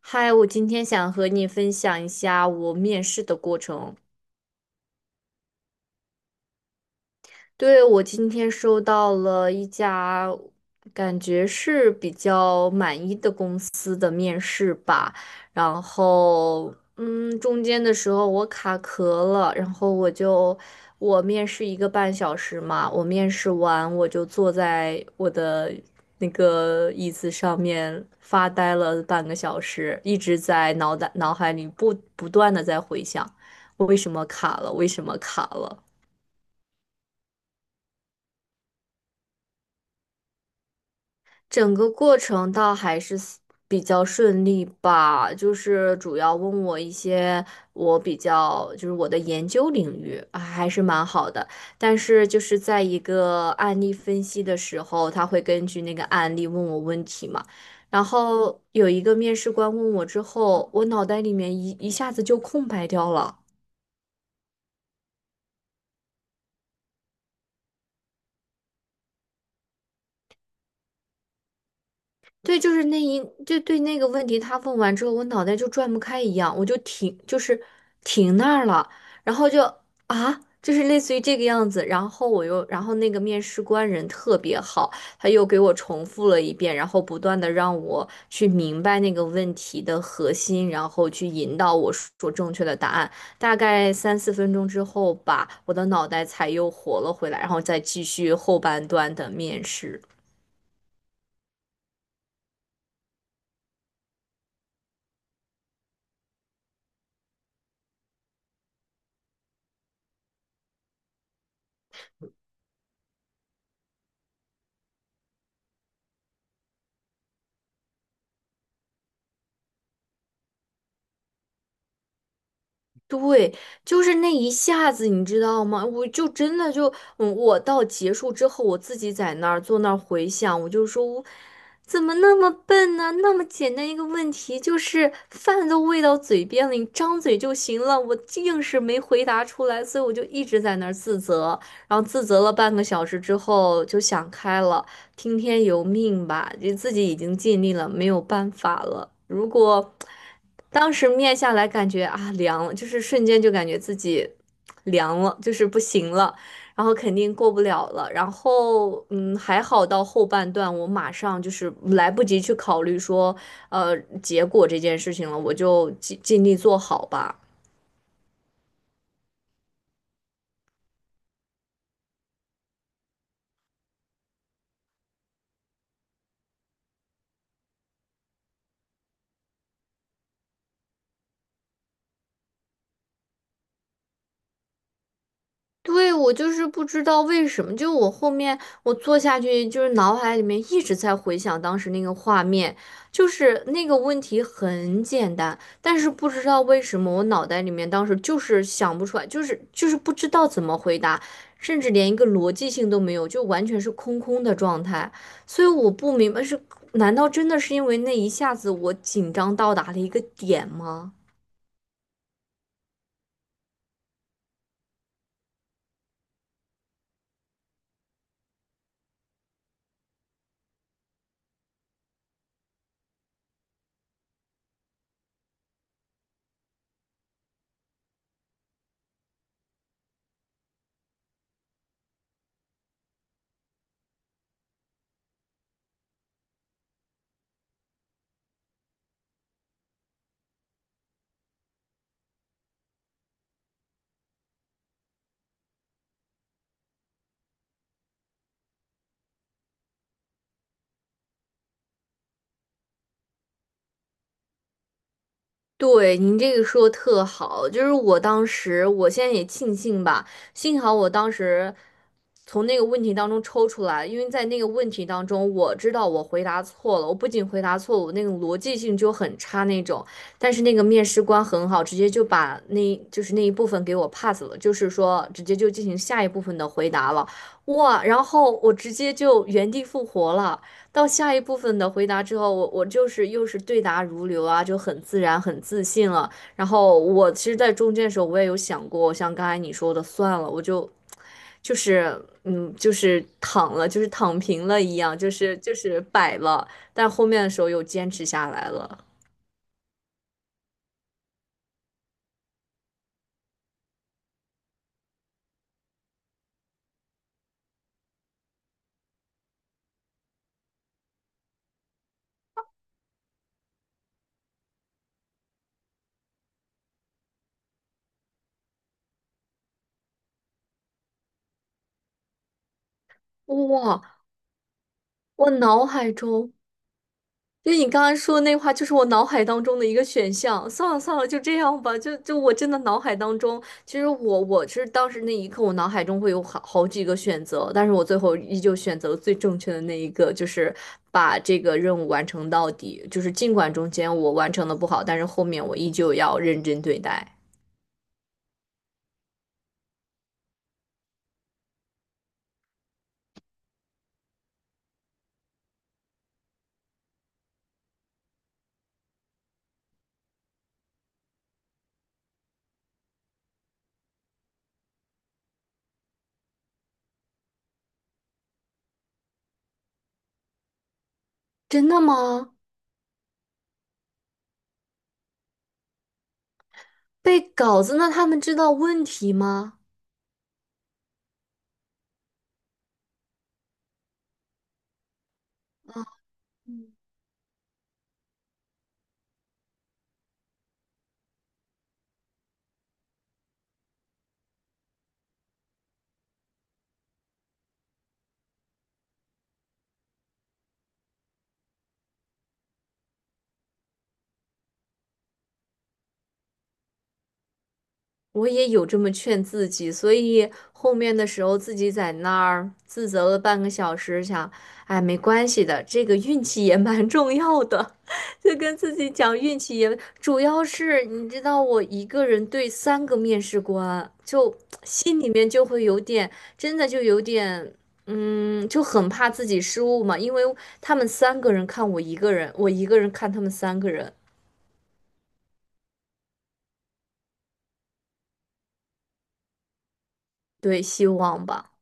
嗨，我今天想和你分享一下我面试的过程。对，我今天收到了一家感觉是比较满意的公司的面试吧，然后中间的时候我卡壳了，然后我就我面试1个半小时嘛，我面试完我就坐在我的那个椅子上面发呆了半个小时，一直在脑海里不断的在回想，为什么卡了，为什么卡了。整个过程倒还是 比较顺利吧，就是主要问我一些我比较就是我的研究领域，啊还是蛮好的。但是就是在一个案例分析的时候，他会根据那个案例问我问题嘛。然后有一个面试官问我之后，我脑袋里面一下子就空白掉了。对，就是那一，就对那个问题，他问完之后，我脑袋就转不开一样，我就停，就是停那儿了，然后就啊，就是类似于这个样子，然后我又，然后那个面试官人特别好，他又给我重复了一遍，然后不断的让我去明白那个问题的核心，然后去引导我说正确的答案。大概3、4分钟之后吧，我的脑袋才又活了回来，然后再继续后半段的面试。对，就是那一下子，你知道吗？我就真的就，我到结束之后，我自己在那儿坐那儿回想，我就说，我怎么那么笨呢？那么简单一个问题，就是饭都喂到嘴边了，你张嘴就行了，我硬是没回答出来，所以我就一直在那儿自责，然后自责了半个小时之后就想开了。听天由命吧，就自己已经尽力了，没有办法了。如果当时面下来，感觉啊凉了，就是瞬间就感觉自己凉了，就是不行了，然后肯定过不了了。然后还好到后半段，我马上就是来不及去考虑说呃结果这件事情了，我就尽力做好吧。对，我就是不知道为什么，就我后面我坐下去，就是脑海里面一直在回想当时那个画面，就是那个问题很简单，但是不知道为什么我脑袋里面当时就是想不出来，就是不知道怎么回答，甚至连一个逻辑性都没有，就完全是空空的状态，所以我不明白是，难道真的是因为那一下子我紧张到达了一个点吗？对，您这个说得特好，就是我当时，我现在也庆幸吧，幸好我当时从那个问题当中抽出来，因为在那个问题当中，我知道我回答错了，我不仅回答错了，我那个逻辑性就很差那种，但是那个面试官很好，直接就把那就是那一部分给我 pass 了，就是说直接就进行下一部分的回答了，哇，然后我直接就原地复活了。到下一部分的回答之后，我就是又是对答如流啊，就很自然、很自信了。然后我其实，在中间的时候，我也有想过，像刚才你说的，算了，我就就是就是躺了，就是躺平了一样，就是摆了。但后面的时候又坚持下来了。哇，我脑海中就是你刚才说的那话，就是我脑海当中的一个选项。算了算了，就这样吧。就我真的脑海当中，其实我是当时那一刻，我脑海中会有好几个选择，但是我最后依旧选择了最正确的那一个，就是把这个任务完成到底。就是尽管中间我完成的不好，但是后面我依旧要认真对待。真的吗？背稿子，那他们知道问题吗？啊。我也有这么劝自己，所以后面的时候自己在那儿自责了半个小时，想，哎，没关系的，这个运气也蛮重要的，就跟自己讲运气也，主要是你知道我一个人对3个面试官，就心里面就会有点，真的就有点，就很怕自己失误嘛，因为他们三个人看我一个人，我一个人看他们三个人，对，希望吧，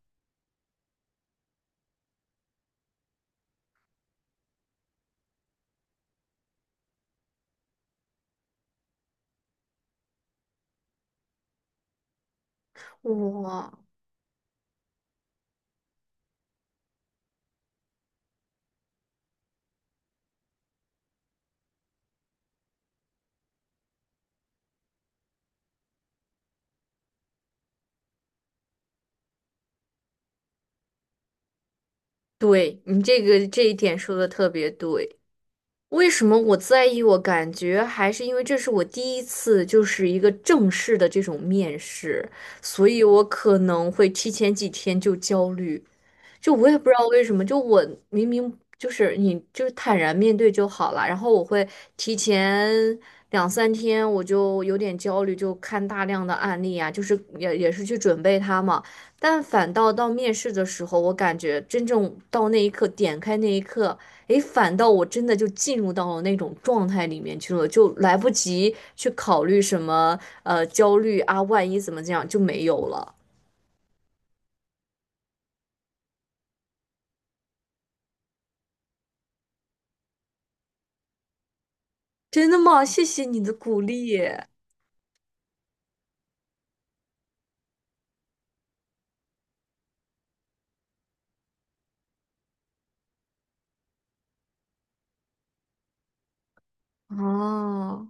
哇。对，你这个这一点说的特别对。为什么我在意？我感觉还是因为这是我第一次，就是一个正式的这种面试，所以我可能会提前几天就焦虑。就我也不知道为什么，就我明明就是你就是坦然面对就好了，然后我会提前2、3天我就有点焦虑，就看大量的案例啊，就是也是去准备它嘛，但反倒到面试的时候，我感觉真正到那一刻点开那一刻，诶，反倒我真的就进入到了那种状态里面去了，就来不及去考虑什么焦虑啊，万一怎么这样就没有了。真的吗？谢谢你的鼓励。哦，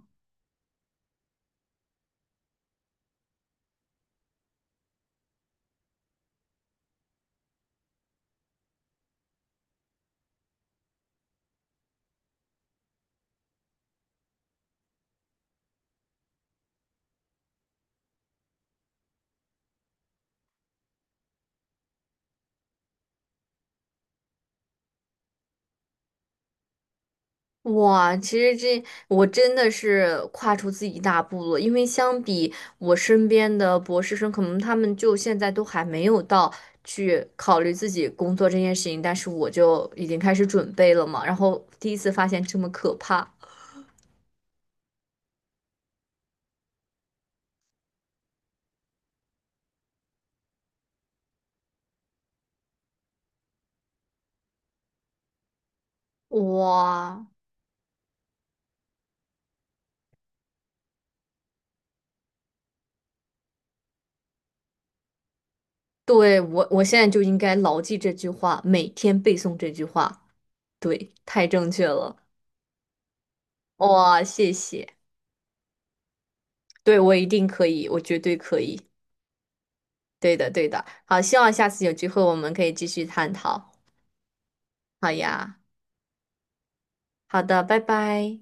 哇，其实这我真的是跨出自己一大步了，因为相比我身边的博士生，可能他们就现在都还没有到去考虑自己工作这件事情，但是我就已经开始准备了嘛，然后第一次发现这么可怕，哇，对，我现在就应该牢记这句话，每天背诵这句话，对，太正确了，哇，谢谢，对，我一定可以，我绝对可以。对的，对的。好，希望下次有机会我们可以继续探讨。好呀，好的，拜拜。